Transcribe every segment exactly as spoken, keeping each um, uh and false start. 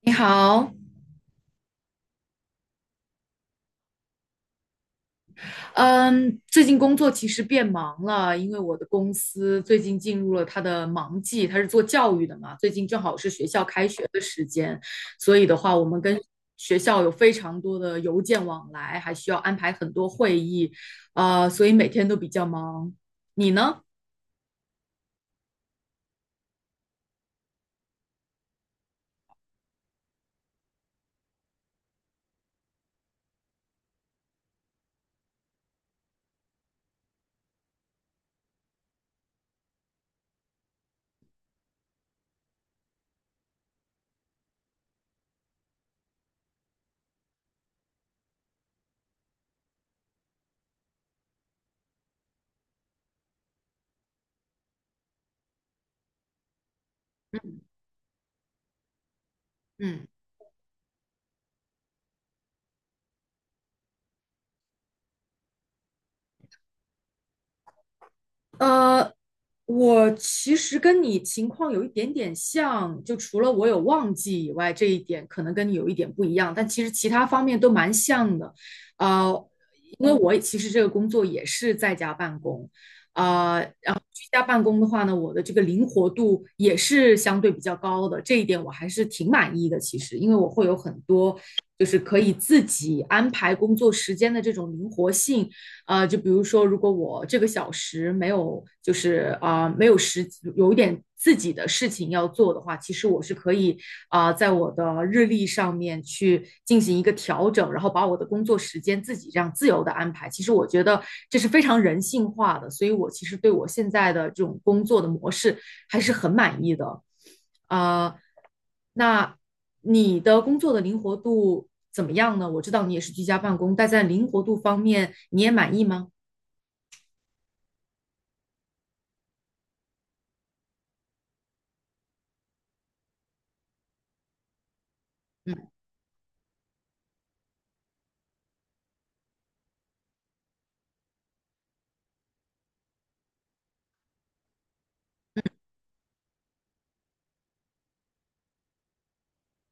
你好，嗯，最近工作其实变忙了，因为我的公司最近进入了它的忙季，它是做教育的嘛，最近正好是学校开学的时间，所以的话，我们跟学校有非常多的邮件往来，还需要安排很多会议，呃，所以每天都比较忙。你呢？嗯。呃，我其实跟你情况有一点点像，就除了我有忘记以外，这一点可能跟你有一点不一样，但其实其他方面都蛮像的。呃，因为我也其实这个工作也是在家办公，啊，然后居家办公的话呢，我的这个灵活度也是相对比较高的，这一点我还是挺满意的。其实，因为我会有很多就是可以自己安排工作时间的这种灵活性。呃，就比如说，如果我这个小时没有，就是啊、呃没有时，有一点自己的事情要做的话，其实我是可以啊、呃在我的日历上面去进行一个调整，然后把我的工作时间自己这样自由的安排。其实我觉得这是非常人性化的，所以我其实对我现在的这种工作的模式还是很满意的。呃，那你的工作的灵活度怎么样呢？我知道你也是居家办公，但在灵活度方面，你也满意吗？嗯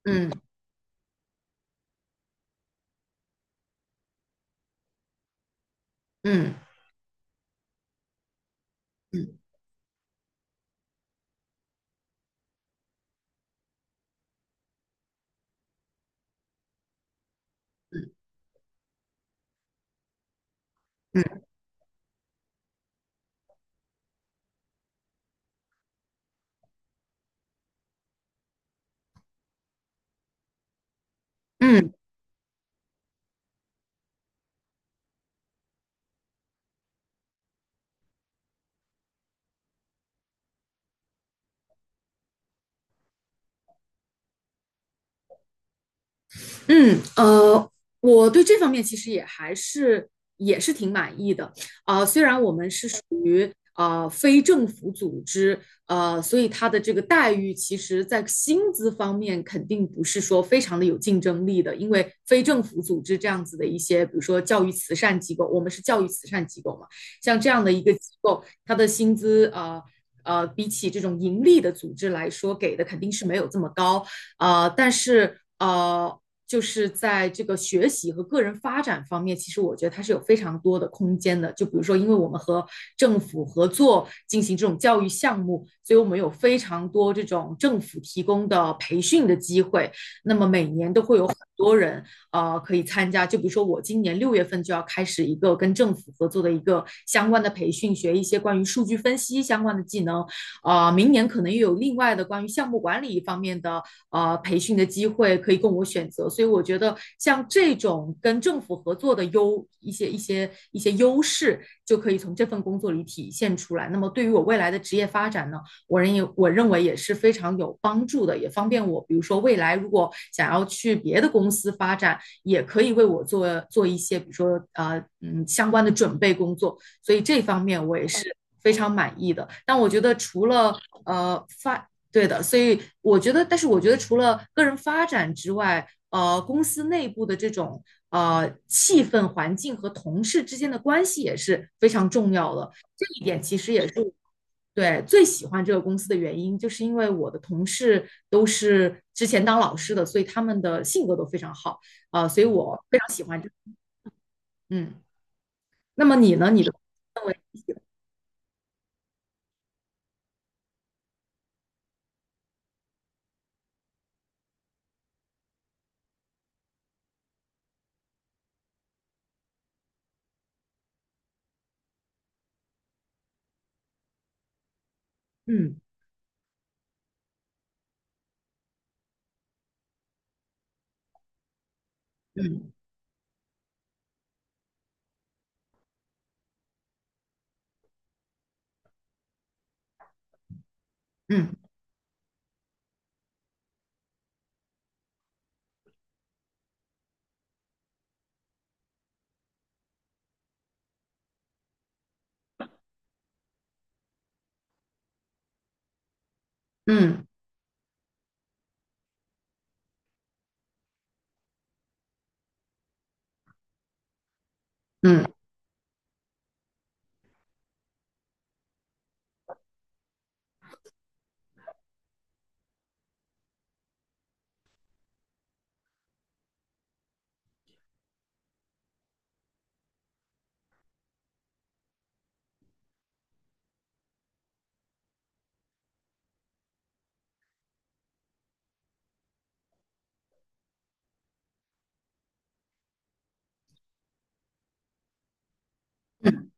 嗯嗯嗯嗯嗯。嗯。嗯，呃，我对这方面其实也还是也是挺满意的啊、虽然我们是属于呃非政府组织，呃，所以它的这个待遇，其实在薪资方面肯定不是说非常的有竞争力的，因为非政府组织这样子的一些，比如说教育慈善机构，我们是教育慈善机构嘛，像这样的一个机构，它的薪资呃呃，比起这种盈利的组织来说，给的肯定是没有这么高。呃，但是呃，就是在这个学习和个人发展方面，其实我觉得它是有非常多的空间的。就比如说，因为我们和政府合作进行这种教育项目，所以我们有非常多这种政府提供的培训的机会。那么每年都会有很多人呃可以参加。就比如说，我今年六月份就要开始一个跟政府合作的一个相关的培训，学一些关于数据分析相关的技能。呃，明年可能又有另外的关于项目管理方面的呃培训的机会可以供我选择，所以我觉得像这种跟政府合作的优一些一些一些优势，就可以从这份工作里体现出来。那么对于我未来的职业发展呢，我认为我认为也是非常有帮助的，也方便我，比如说未来如果想要去别的公司发展，也可以为我做做一些，比如说呃嗯相关的准备工作。所以这方面我也是非常满意的。但我觉得除了呃发对的，所以我觉得，但是我觉得除了个人发展之外，呃，公司内部的这种呃气氛、环境和同事之间的关系也是非常重要的。这一点其实也是对最喜欢这个公司的原因，就是因为我的同事都是之前当老师的，所以他们的性格都非常好啊、呃所以我非常喜欢这。嗯，那么你呢？你的认为？嗯嗯嗯嗯嗯。嗯嗯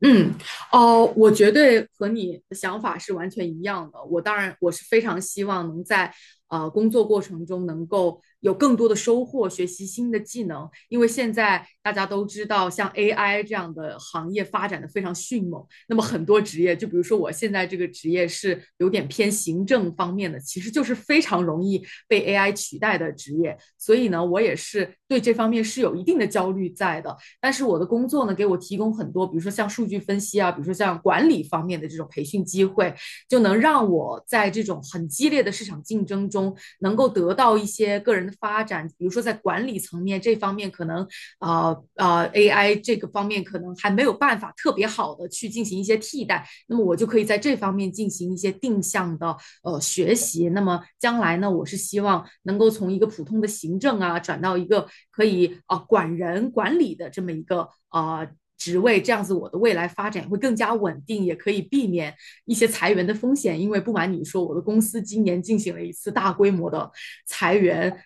嗯，哦，我绝对和你的想法是完全一样的。我当然，我是非常希望能在呃工作过程中能够有更多的收获，学习新的技能。因为现在大家都知道，像 A I 这样的行业发展的非常迅猛，那么很多职业，就比如说我现在这个职业是有点偏行政方面的，其实就是非常容易被 A I 取代的职业。所以呢，我也是对这方面是有一定的焦虑在的。但是我的工作呢，给我提供很多，比如说像数据分析啊，比如说像管理方面的这种培训机会，就能让我在这种很激烈的市场竞争中，能够得到一些个人的发展。比如说在管理层面这方面，可能啊啊、呃呃、A I 这个方面可能还没有办法特别好的去进行一些替代，那么我就可以在这方面进行一些定向的呃学习。那么将来呢，我是希望能够从一个普通的行政啊，转到一个可以啊、呃管人管理的这么一个啊。呃职位这样子，我的未来发展会更加稳定，也可以避免一些裁员的风险。因为不瞒你说，我的公司今年进行了一次大规模的裁员，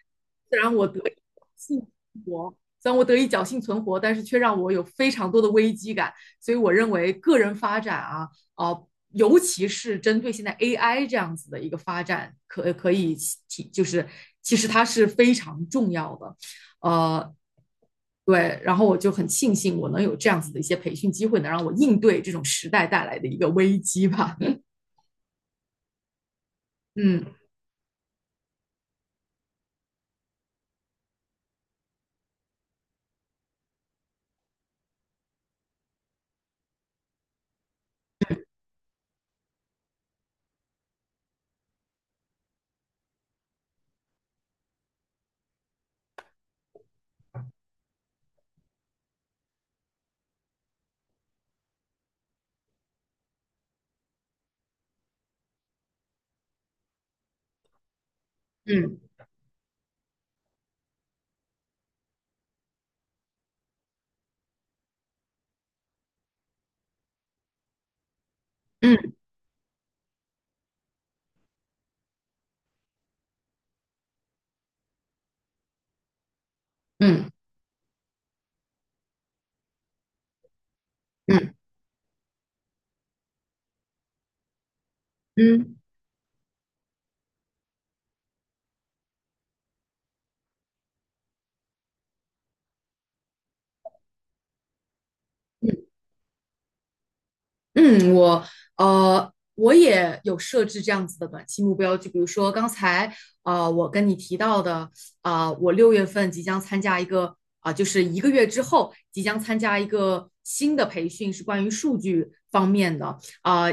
虽然我得以幸活，虽然我得以侥幸存活，但是却让我有非常多的危机感。所以我认为个人发展啊，呃，尤其是针对现在 A I 这样子的一个发展，可可以提，就是其实它是非常重要的，呃，对，然后我就很庆幸我能有这样子的一些培训机会，能让我应对这种时代带来的一个危机吧。嗯嗯嗯嗯嗯嗯。嗯，我呃，我也有设置这样子的短期目标，就比如说刚才呃，我跟你提到的，啊、我六月份即将参加一个啊、就是一个月之后即将参加一个新的培训，是关于数据方面的啊、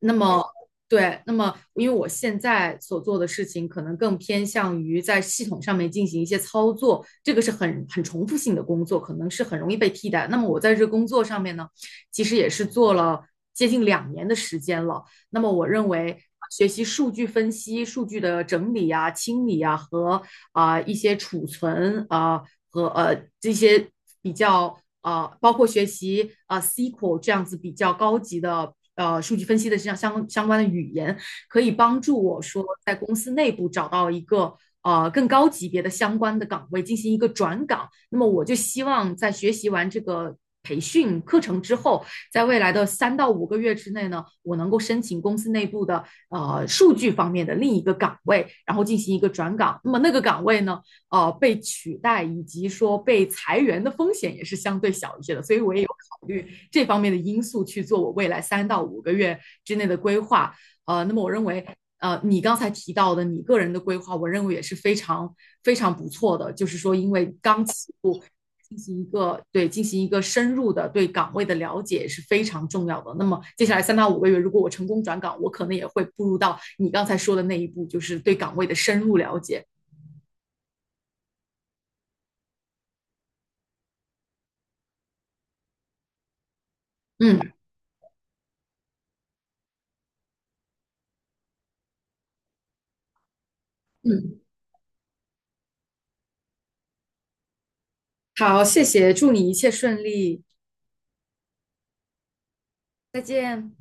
那么对，那么因为我现在所做的事情可能更偏向于在系统上面进行一些操作，这个是很很重复性的工作，可能是很容易被替代。那么我在这个工作上面呢？其实也是做了接近两年的时间了。那么我认为。学习数据分析、数据的整理啊、清理啊和啊、呃一些储存啊、呃和呃这些比较啊、呃包括学习啊、S Q L 这样子比较高级的呃数据分析的这样相相关的语言，可以帮助我说在公司内部找到一个呃更高级别的相关的岗位进行一个转岗。那么我就希望在学习完这个培训课程之后，在未来的三到五个月之内呢，我能够申请公司内部的呃数据方面的另一个岗位，然后进行一个转岗。那么那个岗位呢，呃被取代以及说被裁员的风险也是相对小一些的，所以我也有考虑这方面的因素去做我未来三到五个月之内的规划。呃，那么我认为，呃，你刚才提到的你个人的规划，我认为也是非常非常不错的。就是说，因为刚起步，进行一个对进行一个深入的对岗位的了解是非常重要的。那么接下来三到五个月，如果我成功转岗，我可能也会步入到你刚才说的那一步，就是对岗位的深入了解。嗯嗯，好，谢谢，祝你一切顺利，再见。